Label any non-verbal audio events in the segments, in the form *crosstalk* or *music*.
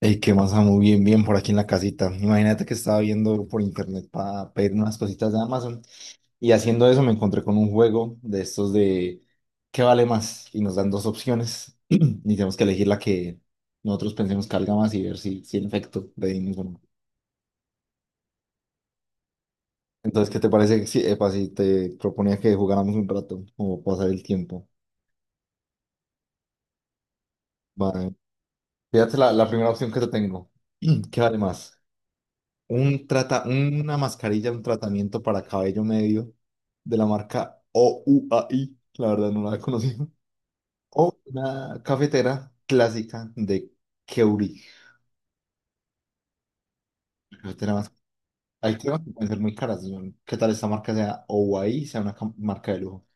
Ey, qué más, muy bien, bien por aquí en la casita. Imagínate que estaba viendo por internet para pedir unas cositas de Amazon y haciendo eso me encontré con un juego de estos de ¿qué vale más? Y nos dan dos opciones *clears throat* y tenemos que elegir la que nosotros pensemos que valga más y ver si en efecto le dimos o no. Entonces, ¿qué te parece si, epa, si te proponía que jugáramos un rato o pasar el tiempo? Vale. Fíjate la primera opción que te tengo. *clears throat* ¿Qué vale más? Una mascarilla, un tratamiento para cabello medio de la marca OUAI, la verdad no la he conocido, o una cafetera clásica de Keurig. Cafetera más. Hay temas que pueden ser muy caras, señor. ¿Qué tal esta marca sea OUAI, sea una marca de lujo?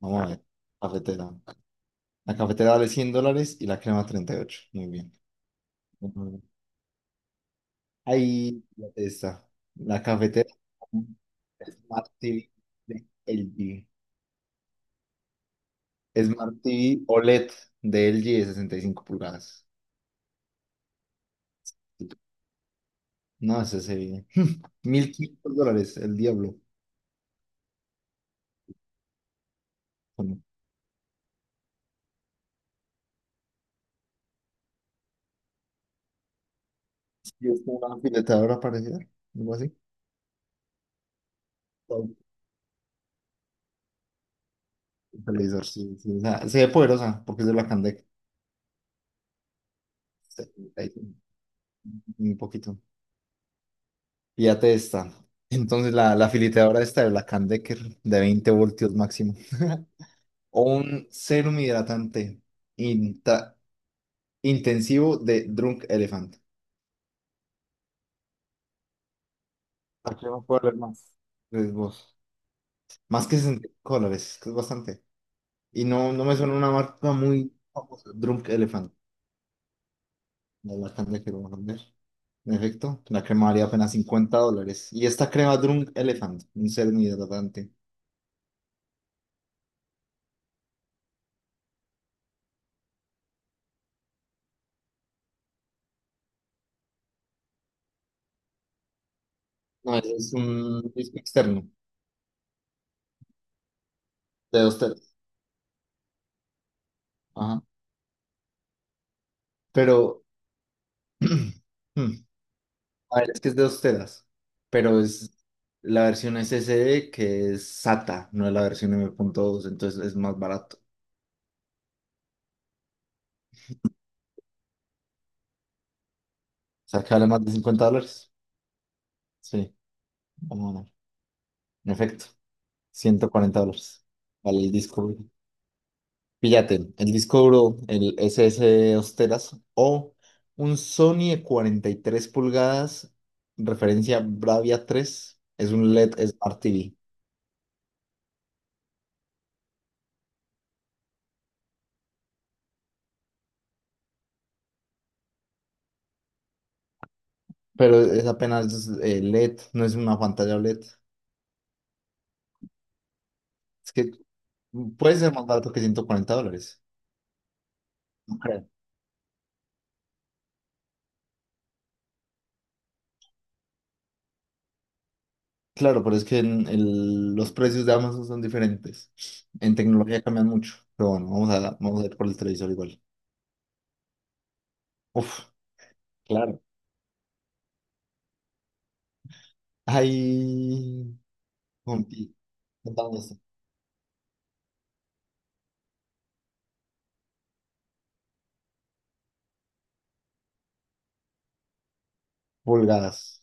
Vamos a ver, cafetera. La cafetera vale $100 y la crema 38. Muy bien. Ujú. Ahí está. La cafetera Smart TV de LG. Smart TV OLED de LG de 65 pulgadas. No, ese sería *laughs* $1500, el diablo. Bueno, sí, es como una filetadora parecida, algo así. Wow. El televisor, sí, sí, o sea, se ve poderosa porque es de la Candec. 75, un poquito. Fíjate esta. Entonces, la filetadora esta de la Candecker de 20 voltios máximo. *laughs* O un serum hidratante inta- intensivo de Drunk Elephant. ¿A qué más puedo leer más? Pues vos. Más que $60, es que es bastante. Y no, no me suena una marca muy famosa. Drunk Elephant, la marca de la carne que vamos a vender. En efecto, la crema valía apenas $50. Y esta crema Drunk Elephant, un serum hidratante. No, ese es un disco externo, de 2 teras. Ajá. Pero, *clears throat* hmm, a ver, es que es de 2 teras. Pero es la versión SSD que es SATA, no es la versión M.2, entonces es más barato. O sea, que vale más de $50. Sí, vamos a ver. En efecto. $140. Vale, el disco duro. Píllate, el disco duro, el S SS Osteras o un Sony de 43 pulgadas, referencia Bravia 3. Es un LED Smart TV, pero es apenas LED, no es una pantalla LED. Es que puede ser más barato que $140. No creo. Claro, pero es que en los precios de Amazon son diferentes. En tecnología cambian mucho. Pero bueno, vamos a ir por el televisor igual. Uf. Claro. Hay Humpty, contando esto, pulgadas.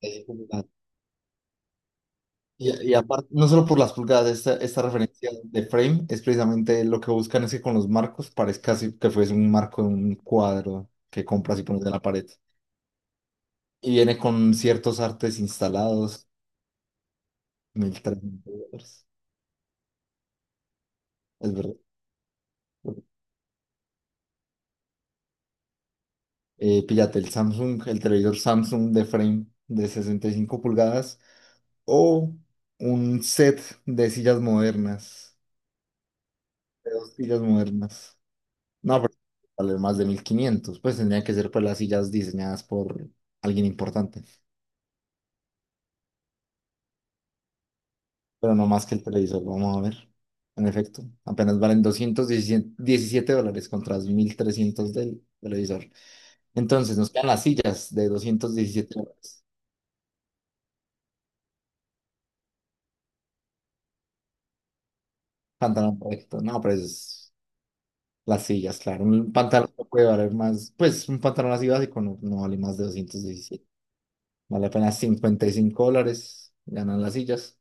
Pulgadas. Y aparte, no solo por las pulgadas, esta referencia de frame es precisamente lo que buscan es que con los marcos parezca así que fuese un marco de un cuadro que compras y pones en la pared. Y viene con ciertos artes instalados, $1300. Es verdad. Píllate el Samsung, el televisor Samsung de frame de 65 pulgadas o un set de sillas modernas. De dos sillas modernas. No, pero vale más de 1500. Pues tendría que ser pues las sillas diseñadas por alguien importante. Pero no más que el televisor, vamos a ver. En efecto, apenas valen $217 contra los 1300 del televisor. Entonces nos quedan las sillas de $217. Pantalón correcto. No, pero es las sillas, claro. Un pantalón no puede valer más. Pues un pantalón así básico no, no vale más de 217. Vale apenas $55. Ganan las sillas.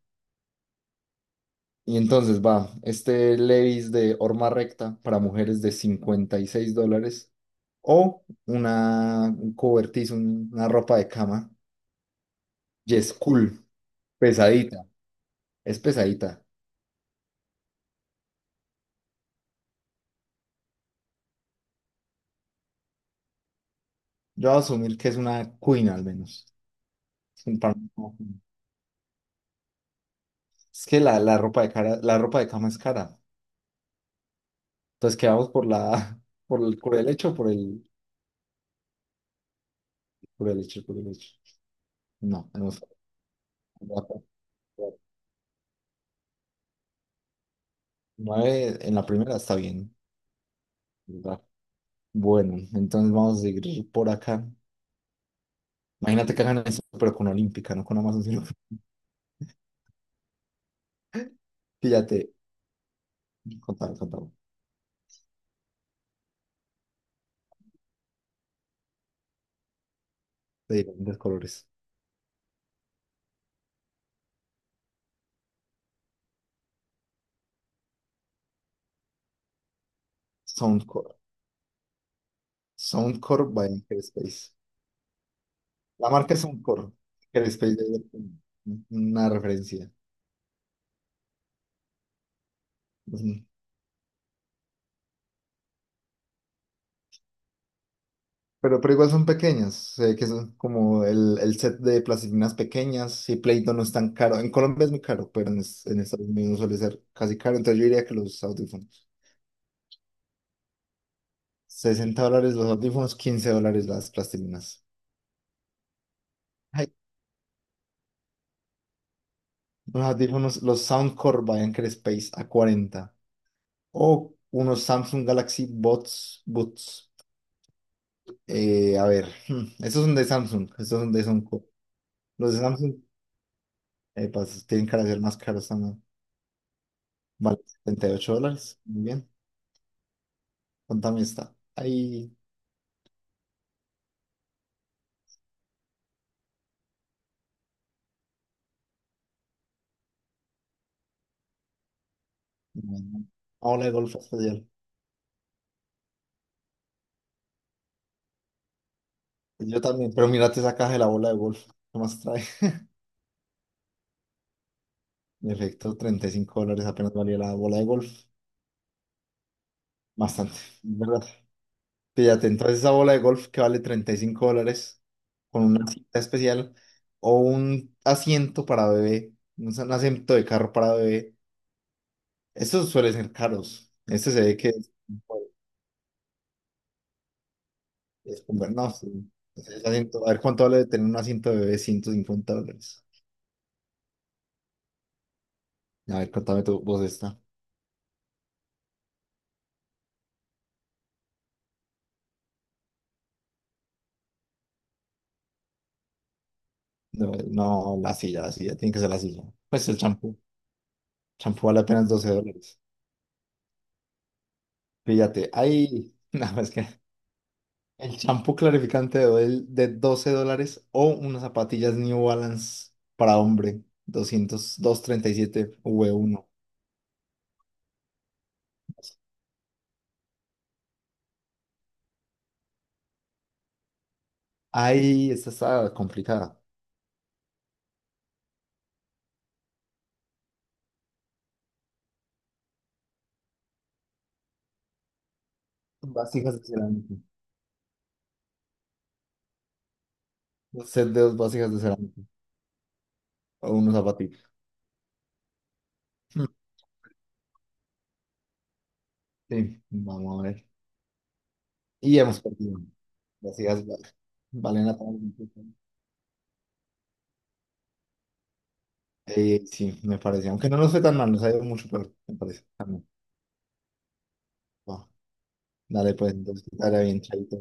Y entonces va, este Levi's de horma recta para mujeres de $56 o un cobertizo, una ropa de cama. Yes, cool, pesadita, es pesadita. Yo voy a asumir que es una queen al menos. Es un es que la ropa de cara, la ropa de cama es cara. Entonces quedamos *laughs* por el hecho, por el por el hecho, por el hecho. No, no. Nueve en la primera está bien. Bueno, entonces vamos a seguir por acá. Imagínate que hagan eso, pero con Olímpica, no con Amazon, sino *laughs* fíjate, contame, de diferentes colores. Soundcore, Soundcore by Space. La marca es Soundcore, Space es una referencia. Ujú. Pero igual son pequeñas, sé que son como el set de plastilinas pequeñas y Play-Doh no es tan caro. En Colombia es muy caro, pero en Estados Unidos suele ser casi caro, entonces yo diría que los audífonos. $60 los audífonos, $15 las plastilinas. Ay, los audífonos, los Soundcore by Anker Space a 40. O unos Samsung Galaxy Bots, Buds. A ver, estos son de Samsung, estos son de Sonco. Los de Samsung pues, tienen cara de ser más caros también. Vale, $78. Muy bien. Contame esta. Ahí. Bueno, bola de golf especial. Yo también, pero mírate esa caja de la bola de golf. ¿Qué más trae? *laughs* En efecto, $35 apenas valía la bola de golf. Bastante, ¿verdad? Fíjate, entonces esa bola de golf que vale $35 con una cita especial o un asiento para bebé, un asiento de carro para bebé, estos suelen ser caros. Este se ve que es como, no, sí, ese asiento. A ver cuánto vale tener un asiento de bebé, $150. A ver, contame tu voz esta. No, no, la silla, tiene que ser la silla. Pues el champú vale apenas $12. Fíjate, ahí, *laughs* no, es que el champú clarificante de Odell de $12 o unas zapatillas New Balance para hombre, doscientos treinta y siete v uno. Ahí esta está complicada. Vasijas de cerámica. Un set de dos vasijas de cerámica o unos zapatillos. Hmm, sí, vamos a ver. Y hemos perdido. Vasijas valen la pena. Sí, me parece. Aunque no nos fue tan mal, nos ha ido mucho peor, me parece. Va, dale, pues, entonces, que te vaya bien, chaito.